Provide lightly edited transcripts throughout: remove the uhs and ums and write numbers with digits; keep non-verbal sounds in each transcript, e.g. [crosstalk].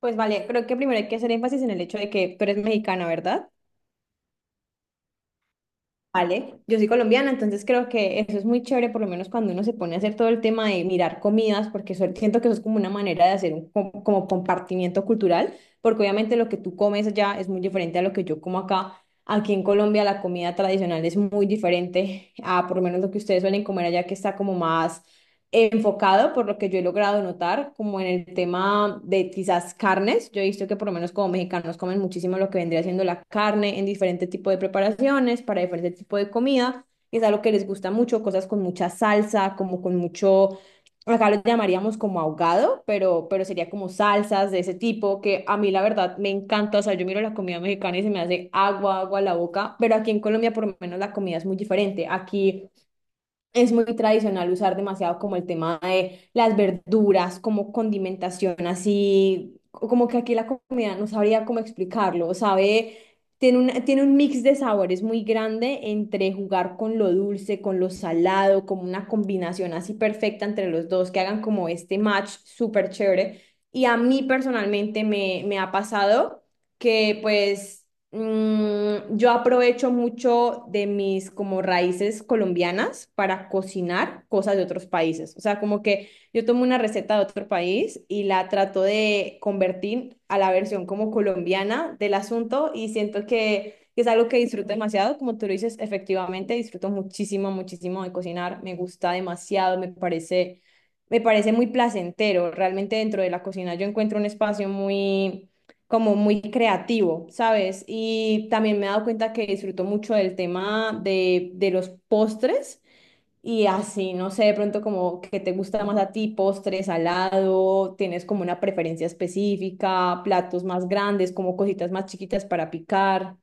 Pues vale, creo que primero hay que hacer énfasis en el hecho de que tú eres mexicana, ¿verdad? Vale, yo soy colombiana, entonces creo que eso es muy chévere, por lo menos cuando uno se pone a hacer todo el tema de mirar comidas, porque siento que eso es como una manera de hacer un como compartimiento cultural, porque obviamente lo que tú comes allá es muy diferente a lo que yo como acá. Aquí en Colombia la comida tradicional es muy diferente a por lo menos lo que ustedes suelen comer allá, que está como más enfocado, por lo que yo he logrado notar, como en el tema de quizás carnes. Yo he visto que por lo menos como mexicanos comen muchísimo lo que vendría siendo la carne en diferentes tipos de preparaciones, para diferentes tipos de comida. Es algo que les gusta mucho, cosas con mucha salsa, como con mucho, acá lo llamaríamos como ahogado, pero sería como salsas de ese tipo, que a mí la verdad me encanta. O sea, yo miro la comida mexicana y se me hace agua a la boca, pero aquí en Colombia por lo menos la comida es muy diferente. Aquí es muy tradicional usar demasiado como el tema de las verduras, como condimentación, así como que aquí la comida no sabría cómo explicarlo, sabe, tiene un mix de sabores muy grande entre jugar con lo dulce, con lo salado, como una combinación así perfecta entre los dos, que hagan como este match súper chévere. Y a mí personalmente me ha pasado que pues yo aprovecho mucho de mis como raíces colombianas para cocinar cosas de otros países. O sea, como que yo tomo una receta de otro país y la trato de convertir a la versión como colombiana del asunto y siento que es algo que disfruto demasiado. Como tú lo dices, efectivamente, disfruto muchísimo, muchísimo de cocinar. Me gusta demasiado, me parece muy placentero. Realmente dentro de la cocina yo encuentro un espacio muy como muy creativo, ¿sabes? Y también me he dado cuenta que disfruto mucho del tema de los postres y así, no sé, de pronto como que te gusta más a ti, postres, salado, tienes como una preferencia específica, platos más grandes, como cositas más chiquitas para picar.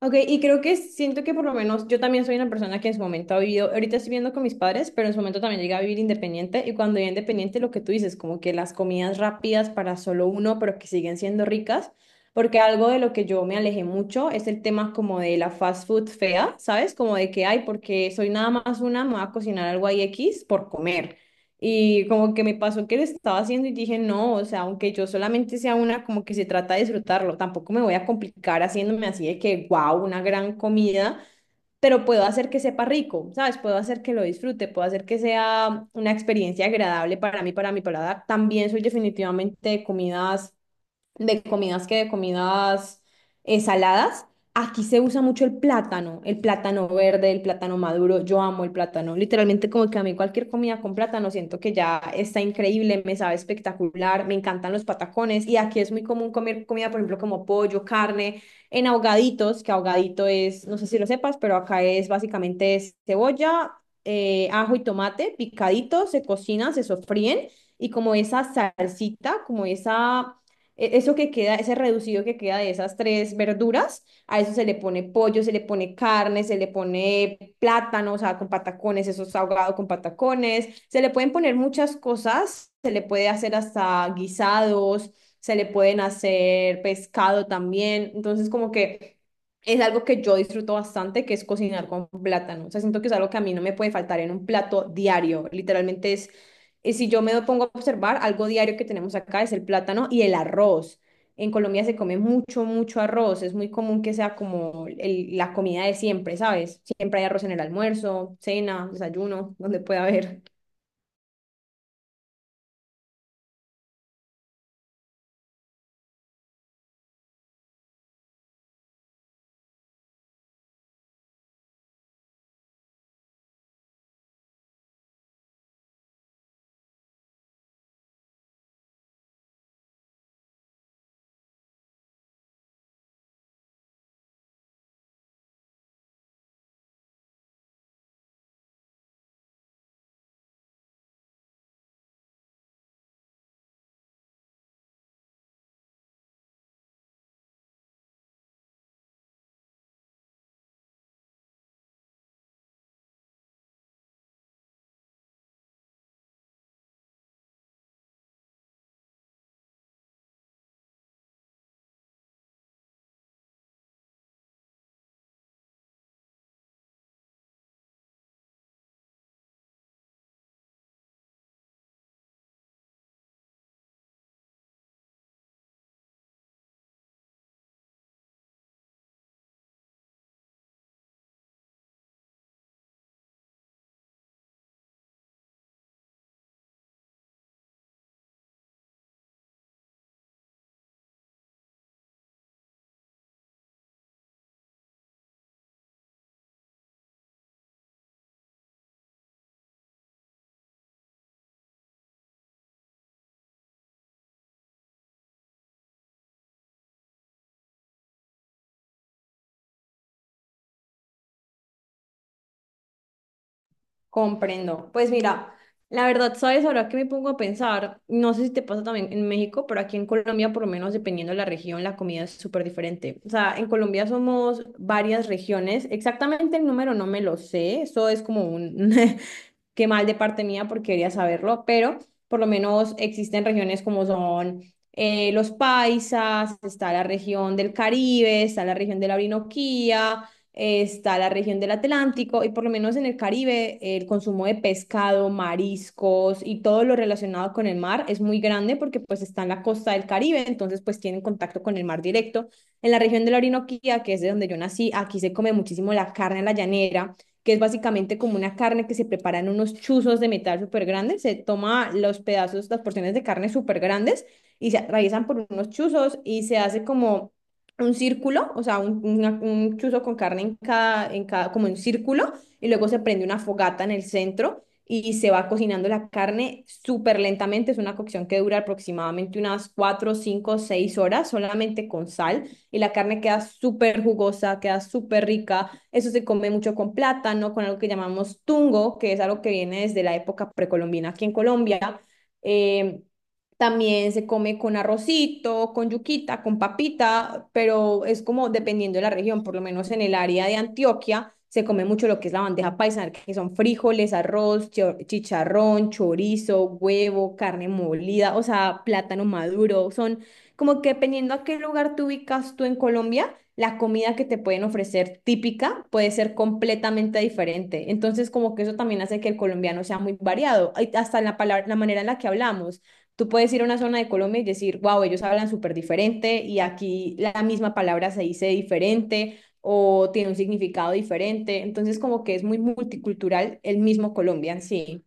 Ok, y creo que siento que por lo menos yo también soy una persona que en su momento ha vivido, ahorita estoy viviendo con mis padres, pero en su momento también llegué a vivir independiente y cuando vivía independiente lo que tú dices, como que las comidas rápidas para solo uno, pero que siguen siendo ricas, porque algo de lo que yo me alejé mucho es el tema como de la fast food fea, ¿sabes? Como de que, ay, porque soy nada más una, me voy a cocinar algo ahí X por comer. Y como que me pasó que lo estaba haciendo y dije, no, o sea, aunque yo solamente sea una, como que se trata de disfrutarlo, tampoco me voy a complicar haciéndome así de que, wow, una gran comida, pero puedo hacer que sepa rico, ¿sabes? Puedo hacer que lo disfrute, puedo hacer que sea una experiencia agradable para mí, para mi paladar. También soy definitivamente de comidas saladas. Aquí se usa mucho el plátano verde, el plátano maduro. Yo amo el plátano. Literalmente como que a mí cualquier comida con plátano siento que ya está increíble, me sabe espectacular, me encantan los patacones y aquí es muy común comer comida, por ejemplo, como pollo, carne, en ahogaditos, que ahogadito es, no sé si lo sepas, pero acá es básicamente es cebolla, ajo y tomate picaditos, se cocinan, se sofríen y como esa salsita, como esa eso que queda, ese reducido que queda de esas tres verduras, a eso se le pone pollo, se le pone carne, se le pone plátano, o sea, con patacones, eso es ahogado con patacones, se le pueden poner muchas cosas, se le puede hacer hasta guisados, se le pueden hacer pescado también, entonces como que es algo que yo disfruto bastante, que es cocinar con plátano, o sea, siento que es algo que a mí no me puede faltar en un plato diario, literalmente, y si yo me pongo a observar, algo diario que tenemos acá es el plátano y el arroz. En Colombia se come mucho, mucho arroz. Es muy común que sea como la comida de siempre, ¿sabes? Siempre hay arroz en el almuerzo, cena, desayuno, [laughs] donde pueda haber. Comprendo. Pues mira, la verdad, ¿sabes? Ahora que me pongo a pensar, no sé si te pasa también en México, pero aquí en Colombia, por lo menos dependiendo de la región, la comida es súper diferente. O sea, en Colombia somos varias regiones. Exactamente el número no me lo sé. Eso es como un... [laughs] qué mal de parte mía porque quería saberlo, pero por lo menos existen regiones como son los paisas, está la región del Caribe, está la región de la Orinoquía, está la región del Atlántico y por lo menos en el Caribe el consumo de pescado, mariscos y todo lo relacionado con el mar es muy grande porque pues está en la costa del Caribe, entonces pues tienen contacto con el mar directo. En la región de la Orinoquía, que es de donde yo nací, aquí se come muchísimo la carne a la llanera, que es básicamente como una carne que se prepara en unos chuzos de metal súper grandes. Se toma los pedazos, las porciones de carne súper grandes y se atraviesan por unos chuzos y se hace como un círculo, o sea, un, un chuzo con carne en cada, como un círculo, y luego se prende una fogata en el centro y se va cocinando la carne súper lentamente. Es una cocción que dura aproximadamente unas 4 5 6 horas solamente con sal y la carne queda súper jugosa, queda súper rica. Eso se come mucho con plátano, con algo que llamamos tungo, que es algo que viene desde la época precolombina aquí en Colombia. Eh, También se come con arrocito, con yuquita, con papita, pero es como dependiendo de la región, por lo menos en el área de Antioquia se come mucho lo que es la bandeja paisa, que son frijoles, arroz, chicharrón, chorizo, huevo, carne molida, o sea, plátano maduro. Son como que dependiendo a qué lugar te ubicas tú en Colombia, la comida que te pueden ofrecer típica puede ser completamente diferente. Entonces, como que eso también hace que el colombiano sea muy variado, ay, hasta en la palabra, la manera en la que hablamos. Tú puedes ir a una zona de Colombia y decir, wow, ellos hablan súper diferente y aquí la misma palabra se dice diferente o tiene un significado diferente. Entonces, como que es muy multicultural el mismo Colombia en sí.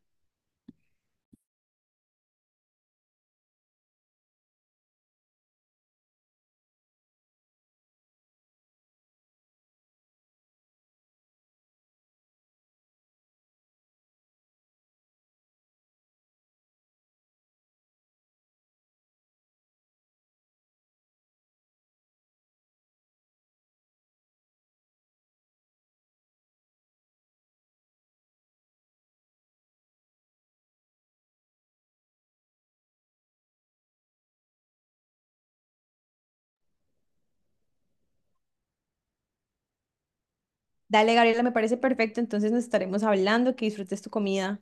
Dale, Gabriela, me parece perfecto. Entonces nos estaremos hablando. Que disfrutes tu comida.